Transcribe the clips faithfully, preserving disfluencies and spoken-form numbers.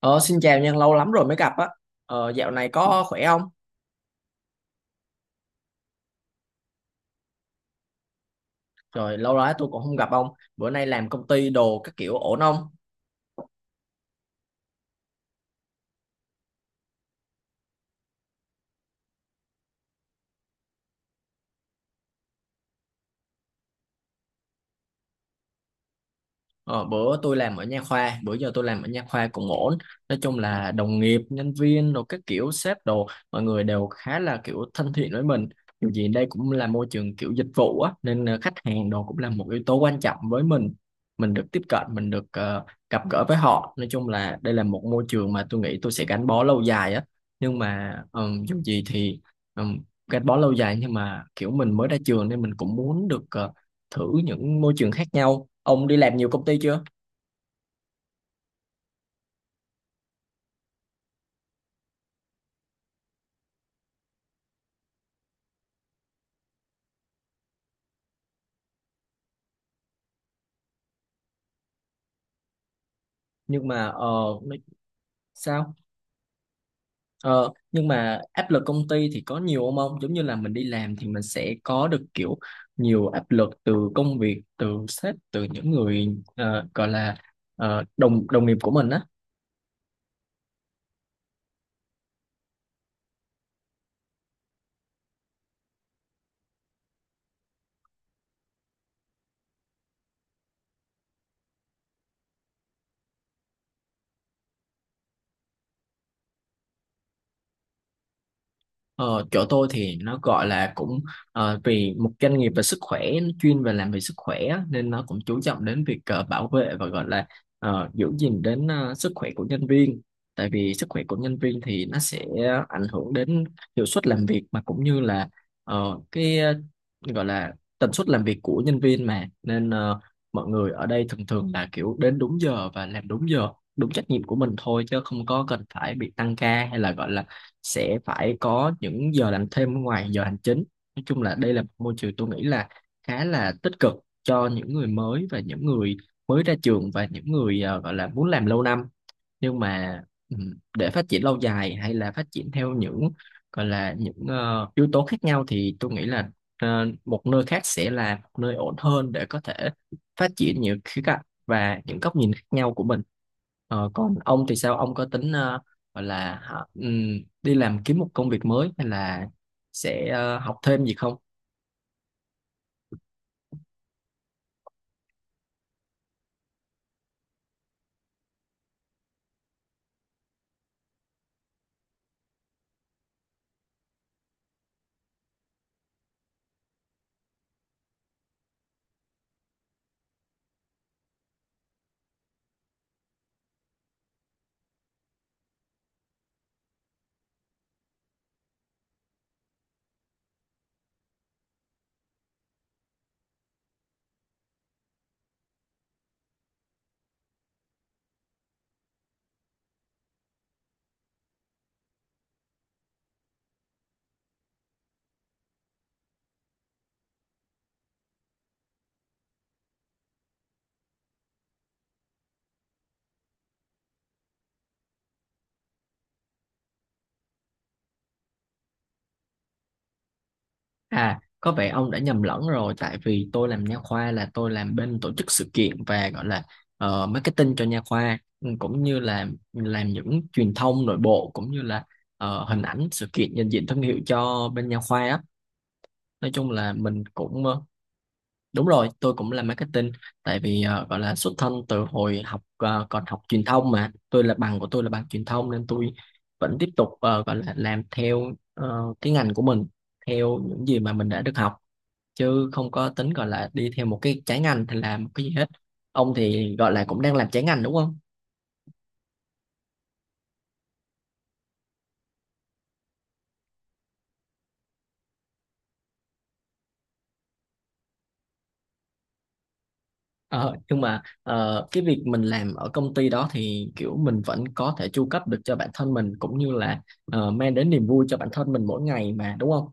Ờ, xin chào Nhân, lâu lắm rồi mới gặp á. Ờ, dạo này có khỏe không? Trời, lâu lắm tôi cũng không gặp ông. Bữa nay làm công ty đồ các kiểu ổn không? Ờ, bữa tôi làm ở nha khoa bữa giờ tôi làm ở nha khoa cũng ổn, nói chung là đồng nghiệp nhân viên rồi các kiểu sếp đồ, mọi người đều khá là kiểu thân thiện với mình. Dù gì đây cũng là môi trường kiểu dịch vụ á, nên ờ, khách hàng đồ cũng là một yếu tố quan trọng với mình. Mình được tiếp cận, mình được ờ, gặp gỡ với họ. Nói chung là đây là một môi trường mà tôi nghĩ tôi sẽ gắn bó lâu dài á, nhưng mà ừm, dù gì thì ừm, gắn bó lâu dài nhưng mà kiểu mình mới ra trường nên mình cũng muốn được ờ, thử những môi trường khác nhau. Ông đi làm nhiều công ty chưa? Nhưng mà ờ, nó- sao? Ờ, nhưng mà áp lực công ty thì có nhiều không ông? Giống như là mình đi làm thì mình sẽ có được kiểu nhiều áp lực từ công việc, từ sếp, từ những người ờ, gọi là ờ, đồng đồng nghiệp của mình á. Ờ, chỗ tôi thì nó gọi là cũng ờ, vì một doanh nghiệp về sức khỏe, nó chuyên về làm về sức khỏe á, nên nó cũng chú trọng đến việc ờ, bảo vệ và gọi là ờ, giữ gìn đến ờ, sức khỏe của nhân viên. Tại vì sức khỏe của nhân viên thì nó sẽ ảnh hưởng đến hiệu suất làm việc, mà cũng như là ờ, cái ờ, gọi là tần suất làm việc của nhân viên mà, nên ờ, mọi người ở đây thường thường là kiểu đến đúng giờ và làm đúng giờ, đúng trách nhiệm của mình thôi, chứ không có cần phải bị tăng ca hay là gọi là sẽ phải có những giờ làm thêm ngoài giờ hành chính. Nói chung là đây là một môi trường tôi nghĩ là khá là tích cực cho những người mới và những người mới ra trường và những người ờ, gọi là muốn làm lâu năm, nhưng mà ừm, để phát triển lâu dài hay là phát triển theo những gọi là những ờ, yếu tố khác nhau thì tôi nghĩ là ờ, một nơi khác sẽ là một nơi ổn hơn để có thể phát triển nhiều khía cạnh và những góc nhìn khác nhau của mình. Ờ, còn ông thì sao, ông có tính ờ, gọi là hả, ừm, đi làm kiếm một công việc mới hay là sẽ ờ, học thêm gì không? À, có vẻ ông đã nhầm lẫn rồi, tại vì tôi làm nha khoa là tôi làm bên tổ chức sự kiện và gọi là ờ, marketing cho nha khoa, ừ, cũng như là làm những truyền thông nội bộ cũng như là ờ, hình ảnh sự kiện, nhận diện thương hiệu cho bên nha khoa á. Nói chung là mình cũng ờ, đúng rồi, tôi cũng làm marketing tại vì ờ, gọi là xuất thân từ hồi học ờ, còn học truyền thông, mà tôi là bằng của tôi là bằng truyền thông nên tôi vẫn tiếp tục ờ, gọi là làm theo ờ, cái ngành của mình, theo những gì mà mình đã được học, chứ không có tính gọi là đi theo một cái trái ngành hay làm một cái gì hết. Ông thì gọi là cũng đang làm trái ngành đúng không? Ờ, nhưng mà ờ, cái việc mình làm ở công ty đó thì kiểu mình vẫn có thể chu cấp được cho bản thân mình cũng như là ờ, mang đến niềm vui cho bản thân mình mỗi ngày mà đúng không?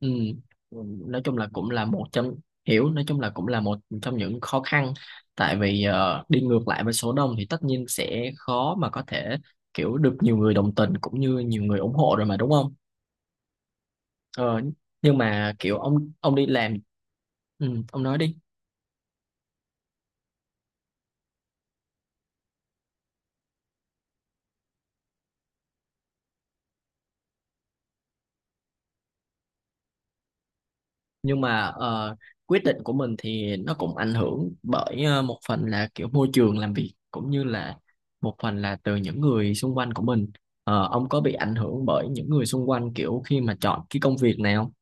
Ừ. Nói chung là cũng là một trong, hiểu, nói chung là cũng là một trong những khó khăn, tại vì ờ, đi ngược lại với số đông thì tất nhiên sẽ khó mà có thể kiểu được nhiều người đồng tình cũng như nhiều người ủng hộ rồi mà đúng không? Ờ, nhưng mà kiểu ông ông đi làm, ừ, ông nói đi. Nhưng mà ờ, quyết định của mình thì nó cũng ảnh hưởng bởi ờ, một phần là kiểu môi trường làm việc cũng như là một phần là từ những người xung quanh của mình. Ờ, ông có bị ảnh hưởng bởi những người xung quanh kiểu khi mà chọn cái công việc này không?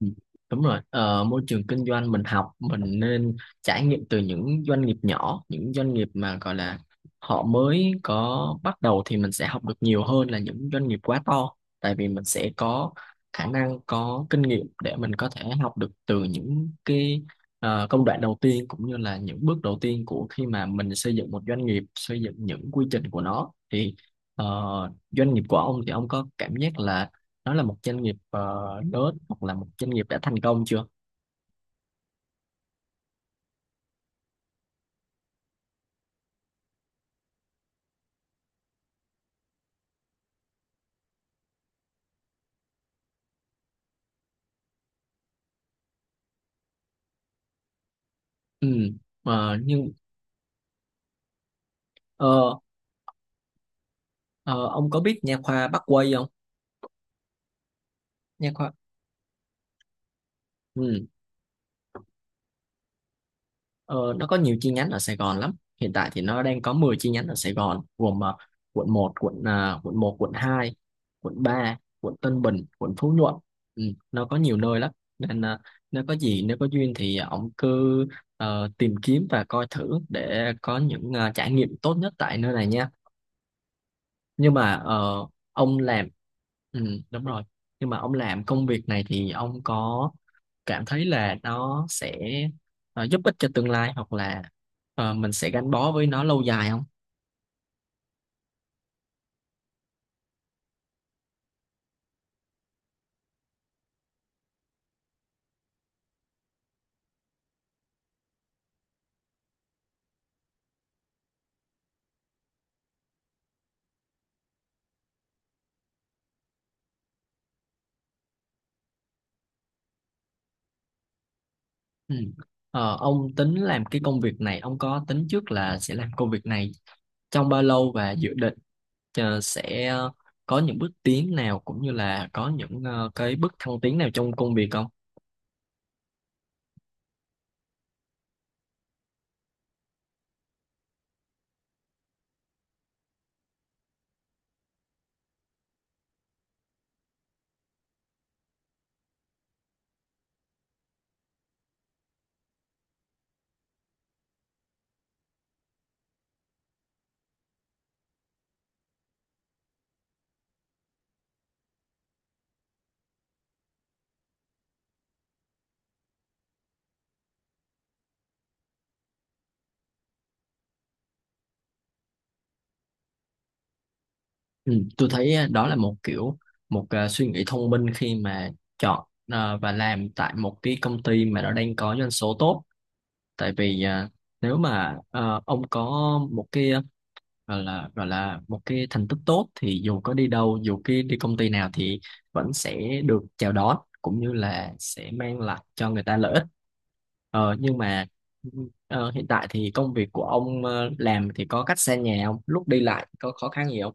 Ừ, đúng rồi, ờ, môi trường kinh doanh mình học mình nên trải nghiệm từ những doanh nghiệp nhỏ, những doanh nghiệp mà gọi là họ mới có bắt đầu thì mình sẽ học được nhiều hơn là những doanh nghiệp quá to. Tại vì mình sẽ có khả năng, có kinh nghiệm để mình có thể học được từ những cái ờ, công đoạn đầu tiên cũng như là những bước đầu tiên của khi mà mình xây dựng một doanh nghiệp, xây dựng những quy trình của nó thì ờ, doanh nghiệp của ông thì ông có cảm giác là nó là một doanh nghiệp ờ, lớn hoặc là một doanh nghiệp đã thành công chưa? Ừ. Ờ, nhưng ờ, ờ, ông có biết nha khoa Bắc Quây không? Nha khoa, ừ. Ờ, nó có nhiều chi nhánh ở Sài Gòn lắm. Hiện tại thì nó đang có mười chi nhánh ở Sài Gòn, gồm ờ, quận một, quận ờ, quận một, quận hai, quận ba, quận Tân Bình, quận Phú Nhuận, ừ, nó có nhiều nơi lắm. Nên ờ, nếu có gì, nếu có duyên thì ông cứ ờ, tìm kiếm và coi thử để có những ờ, trải nghiệm tốt nhất tại nơi này nha. Nhưng mà ờ, ông làm, ừ, đúng rồi. Nhưng mà ông làm công việc này thì ông có cảm thấy là nó sẽ ờ, giúp ích cho tương lai hoặc là ờ, mình sẽ gắn bó với nó lâu dài không? Ừ. Ờ, ông tính làm cái công việc này, ông có tính trước là sẽ làm công việc này trong bao lâu và dự định ờ, sẽ ờ, có những bước tiến nào cũng như là có những ờ, cái bước thăng tiến nào trong công việc không? Ừ, tôi thấy á, đó là một kiểu một à, suy nghĩ thông minh khi mà chọn à, và làm tại một cái công ty mà nó đang có doanh số tốt. Tại vì à, nếu mà à, ông có một cái à, gọi là gọi là một cái thành tích tốt thì dù có đi đâu, dù cái đi công ty nào thì vẫn sẽ được chào đón cũng như là sẽ mang lại cho người ta lợi ích. Ờ, nhưng mà ờ, hiện tại thì công việc của ông ờ, làm thì có cách xa nhà không? Lúc đi lại có khó khăn gì không?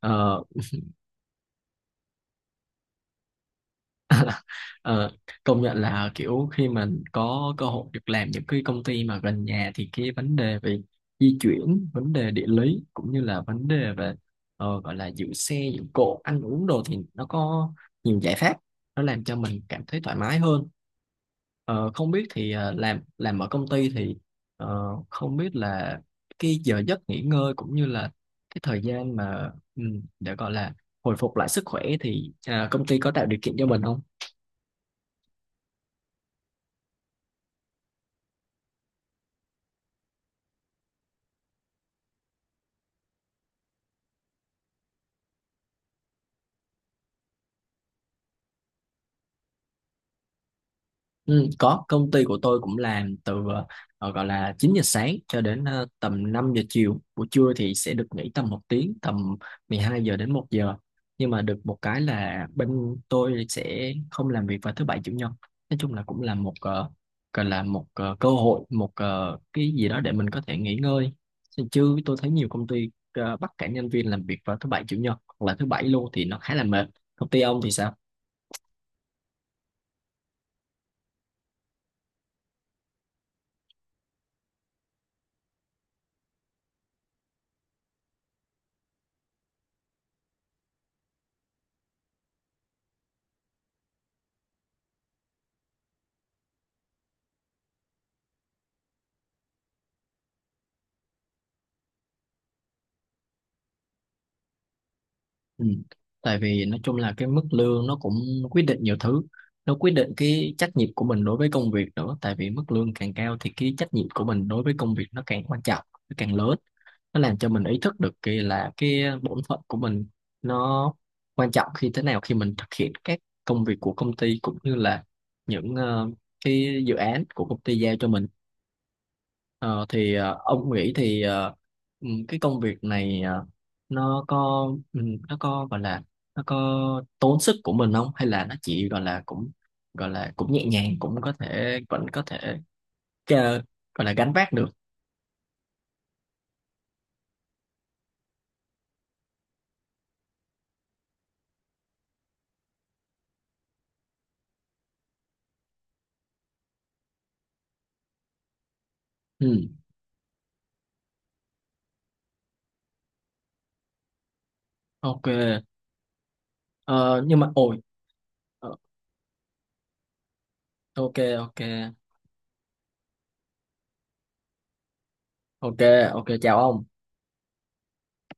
Ừ. Ờ, công nhận là kiểu khi mình có cơ hội được làm những cái công ty mà gần nhà thì cái vấn đề về di chuyển, vấn đề địa lý cũng như là vấn đề về ờ, gọi là giữ xe, giữ cộ, ăn uống đồ thì nó có nhiều giải pháp, nó làm cho mình cảm thấy thoải mái hơn. Ờ, không biết thì ờ, làm làm ở công ty thì ờ, không biết là cái giờ giấc nghỉ ngơi cũng như là cái thời gian mà ừ, để gọi là hồi phục lại sức khỏe thì à, công ty có tạo điều kiện cho mình không? Ừ, có, công ty của tôi cũng làm từ ờ, gọi là chín giờ sáng cho đến ờ, tầm năm giờ chiều, buổi trưa thì sẽ được nghỉ tầm một tiếng, tầm mười hai giờ đến một giờ. Nhưng mà được một cái là bên tôi sẽ không làm việc vào thứ bảy chủ nhật. Nói chung là cũng là một ờ, gọi là một ờ, cơ hội, một ờ, cái gì đó để mình có thể nghỉ ngơi, chứ tôi thấy nhiều công ty ờ, bắt cả nhân viên làm việc vào thứ bảy chủ nhật hoặc là thứ bảy luôn thì nó khá là mệt. Công ty ông thì sao? Ừ. Tại vì nói chung là cái mức lương nó cũng quyết định nhiều thứ, nó quyết định cái trách nhiệm của mình đối với công việc nữa, tại vì mức lương càng cao thì cái trách nhiệm của mình đối với công việc nó càng quan trọng, nó càng lớn, nó làm cho mình ý thức được cái là cái bổn phận của mình nó quan trọng khi thế nào khi mình thực hiện các công việc của công ty cũng như là những ờ, cái dự án của công ty giao cho mình. Ờ, thì ờ, ông nghĩ thì ờ, ừ, cái công việc này ờ, nó có ừ, nó có gọi là nó có tốn sức của mình không, hay là nó chỉ gọi là cũng gọi là cũng nhẹ nhàng cũng có thể vẫn có thể ờ, gọi là gánh vác được? Ừ, ok. Ờ, nhưng mà ôi, ờ, ok, ok, ok. Ok, chào ông.